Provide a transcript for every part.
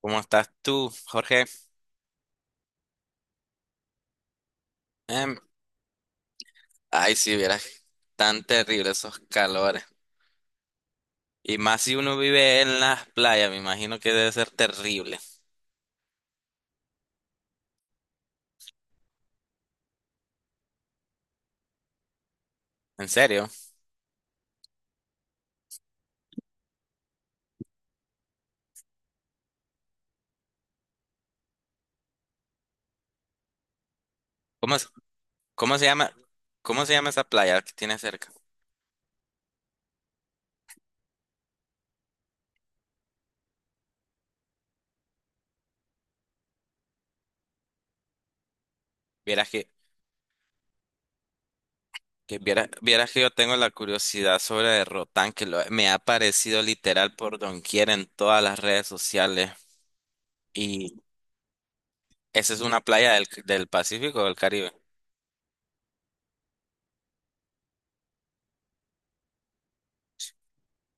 ¿Cómo estás tú, Jorge? Em, Ay, si vieras tan terrible esos calores. Y más si uno vive en las playas, me imagino que debe ser terrible. ¿En serio? ¿Cómo, es- ¿Cómo se llama, cómo se llama esa playa que tienes cerca? Vieras que, vieras que yo tengo la curiosidad sobre Rotán, me ha aparecido literal por doquier en todas las redes sociales. Y esa es una playa del Pacífico o del Caribe.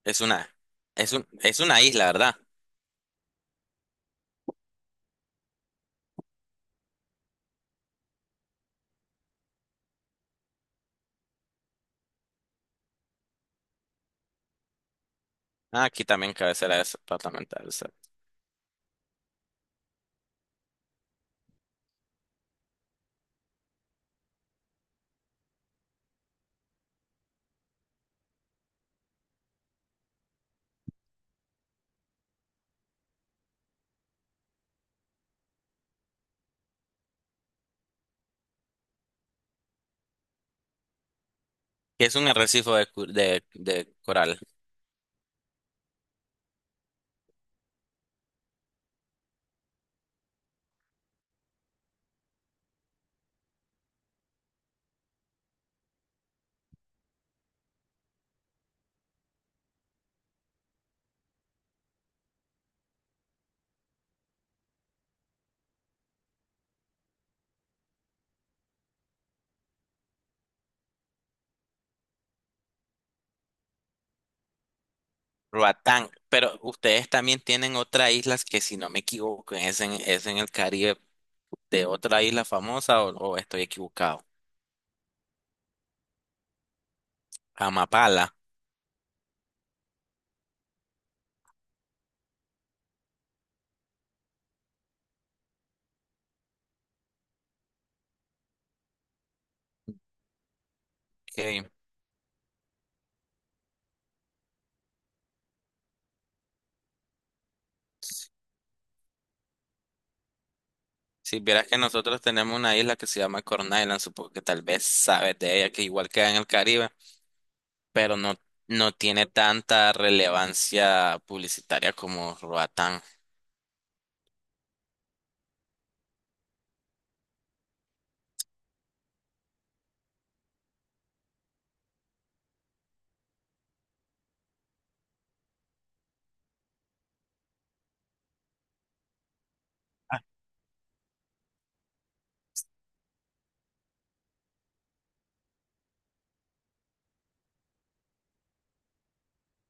Es una, es una isla, ¿verdad? Ah, aquí también cabecera departamental. O sea, que es un arrecife de coral. Roatán. Pero ustedes también tienen otras islas que, si no me equivoco, es en el Caribe de otra isla famosa o estoy equivocado. Amapala. Ok. Si vieras que nosotros tenemos una isla que se llama Corn Island, supongo que tal vez sabes de ella, que igual queda en el Caribe, pero no, no tiene tanta relevancia publicitaria como Roatán.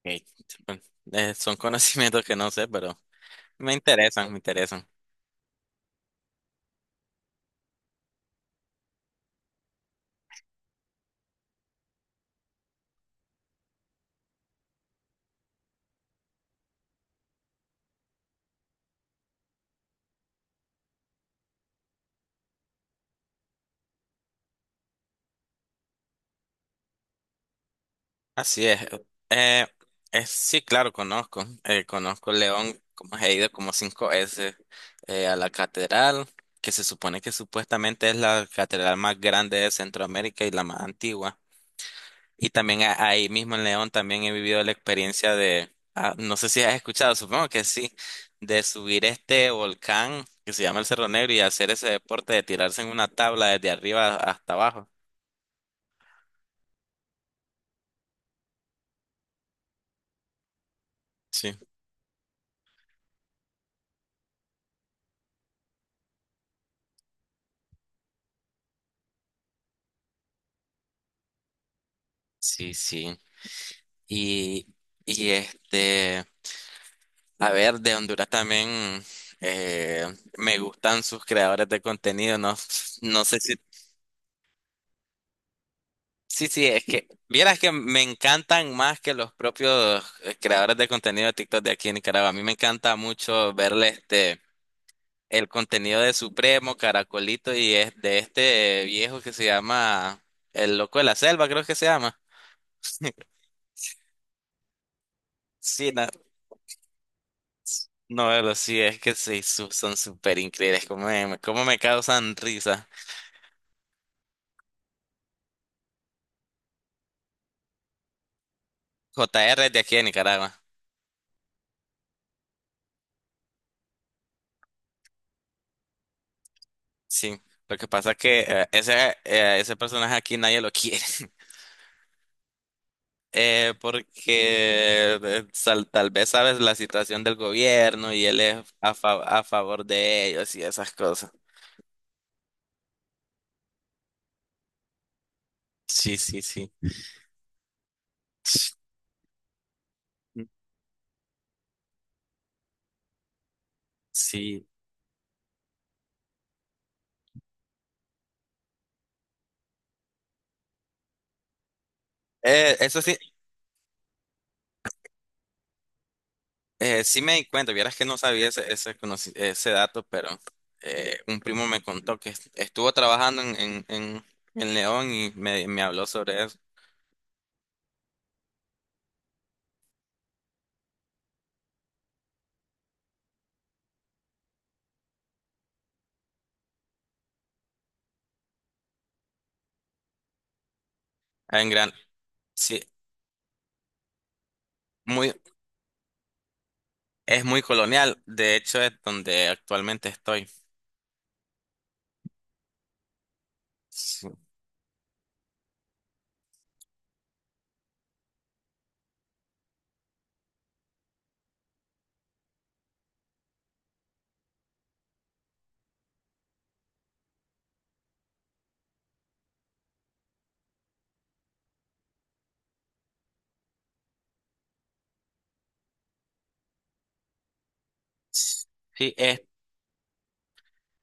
Ok. Son conocimientos que no sé, pero. Me interesan, me interesan. Así es. Eh, es sí, claro, conozco. Conozco León, como he ido como cinco veces a la catedral, que se supone que supuestamente es la catedral más grande de Centroamérica y la más antigua. Y también ahí mismo en León también he vivido la experiencia de, ah, no sé si has escuchado, supongo que sí, de subir este volcán que se llama el Cerro Negro y hacer ese deporte de tirarse en una tabla desde arriba hasta abajo. Sí. Sí, sí. Y, y este, a ver, de Honduras también eh, me gustan sus creadores de contenido, no, no sé si, sí, sí, es que, vieras que me encantan más que los propios creadores de contenido de TikTok de aquí en Nicaragua. A mí me encanta mucho verle este, el contenido de Supremo, Caracolito y es de este viejo que se llama El Loco de la Selva, creo que se llama. Sí, no, pero sí, es que sí, son súper increíbles. Cómo me causan risa? JR es de aquí de Nicaragua. Sí. Lo que pasa es que ese personaje aquí nadie lo quiere. Porque tal vez sabes la situación del gobierno y él es a favor de ellos y esas cosas. Sí, sí, sí. Sí. Eso sí. Sí me di cuenta, vieras que no sabía ese dato, pero un primo me contó que estuvo trabajando en León y me habló sobre eso. En Gran, sí, muy, es muy colonial, de hecho es donde actualmente estoy. Sí, sí, es,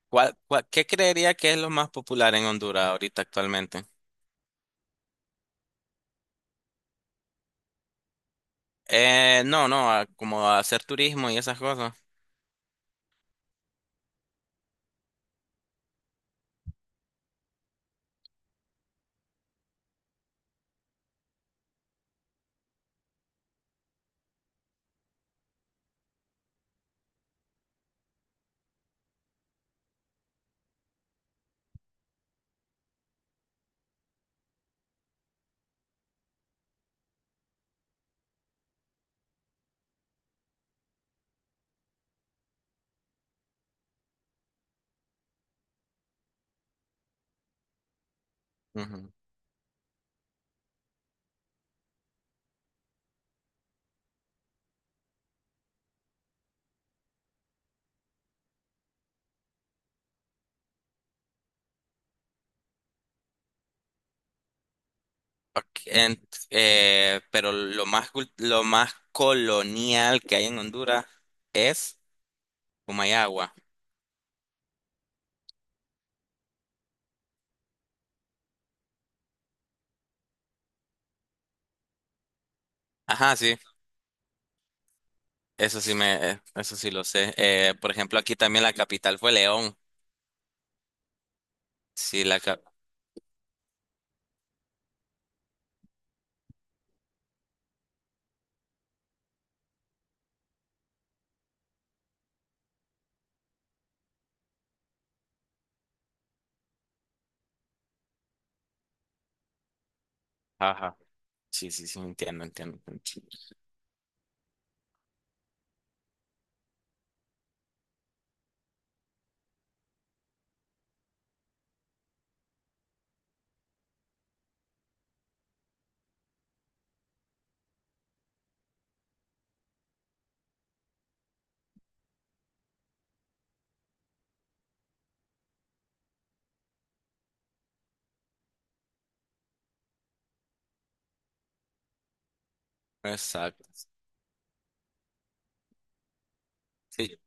¿qué creería que es lo más popular en Honduras ahorita actualmente? No, no, como hacer turismo y esas cosas. Ok, en- pero lo más, lo más colonial que hay en Honduras es Humayagua. Ajá, sí, eso sí me, eso sí lo sé. Por ejemplo, aquí también la capital fue León. Sí, la cap, ajá. Sí, sí, sí, entiendo, entiendo. Entiendo. Exacto. Sí,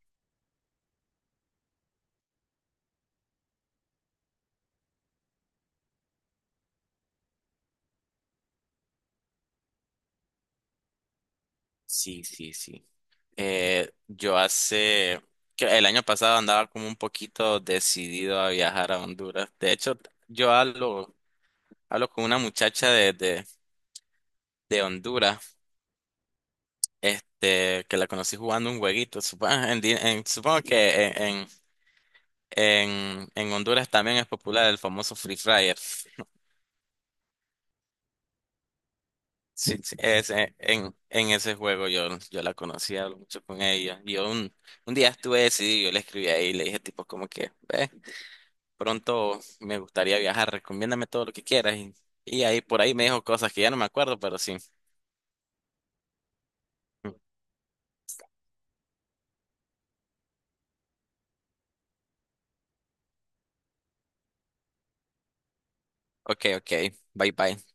sí, sí, sí. Yo hace, que el año pasado andaba como un poquito decidido a viajar a Honduras. De hecho, yo hablo, hablo con una muchacha de de Honduras. Este, que la conocí jugando un jueguito. Supongo, supongo que en Honduras también es popular el famoso Free Fire. Sí, sí, es, en ese juego yo, yo la conocí, hablo mucho con ella. Y yo un día estuve decidido, yo le escribí ahí, le dije tipo como que, ve, pronto me gustaría viajar, recomiéndame todo lo que quieras. Y ahí por ahí me dijo cosas que ya no me acuerdo, pero sí. Ok, ok, bye bye.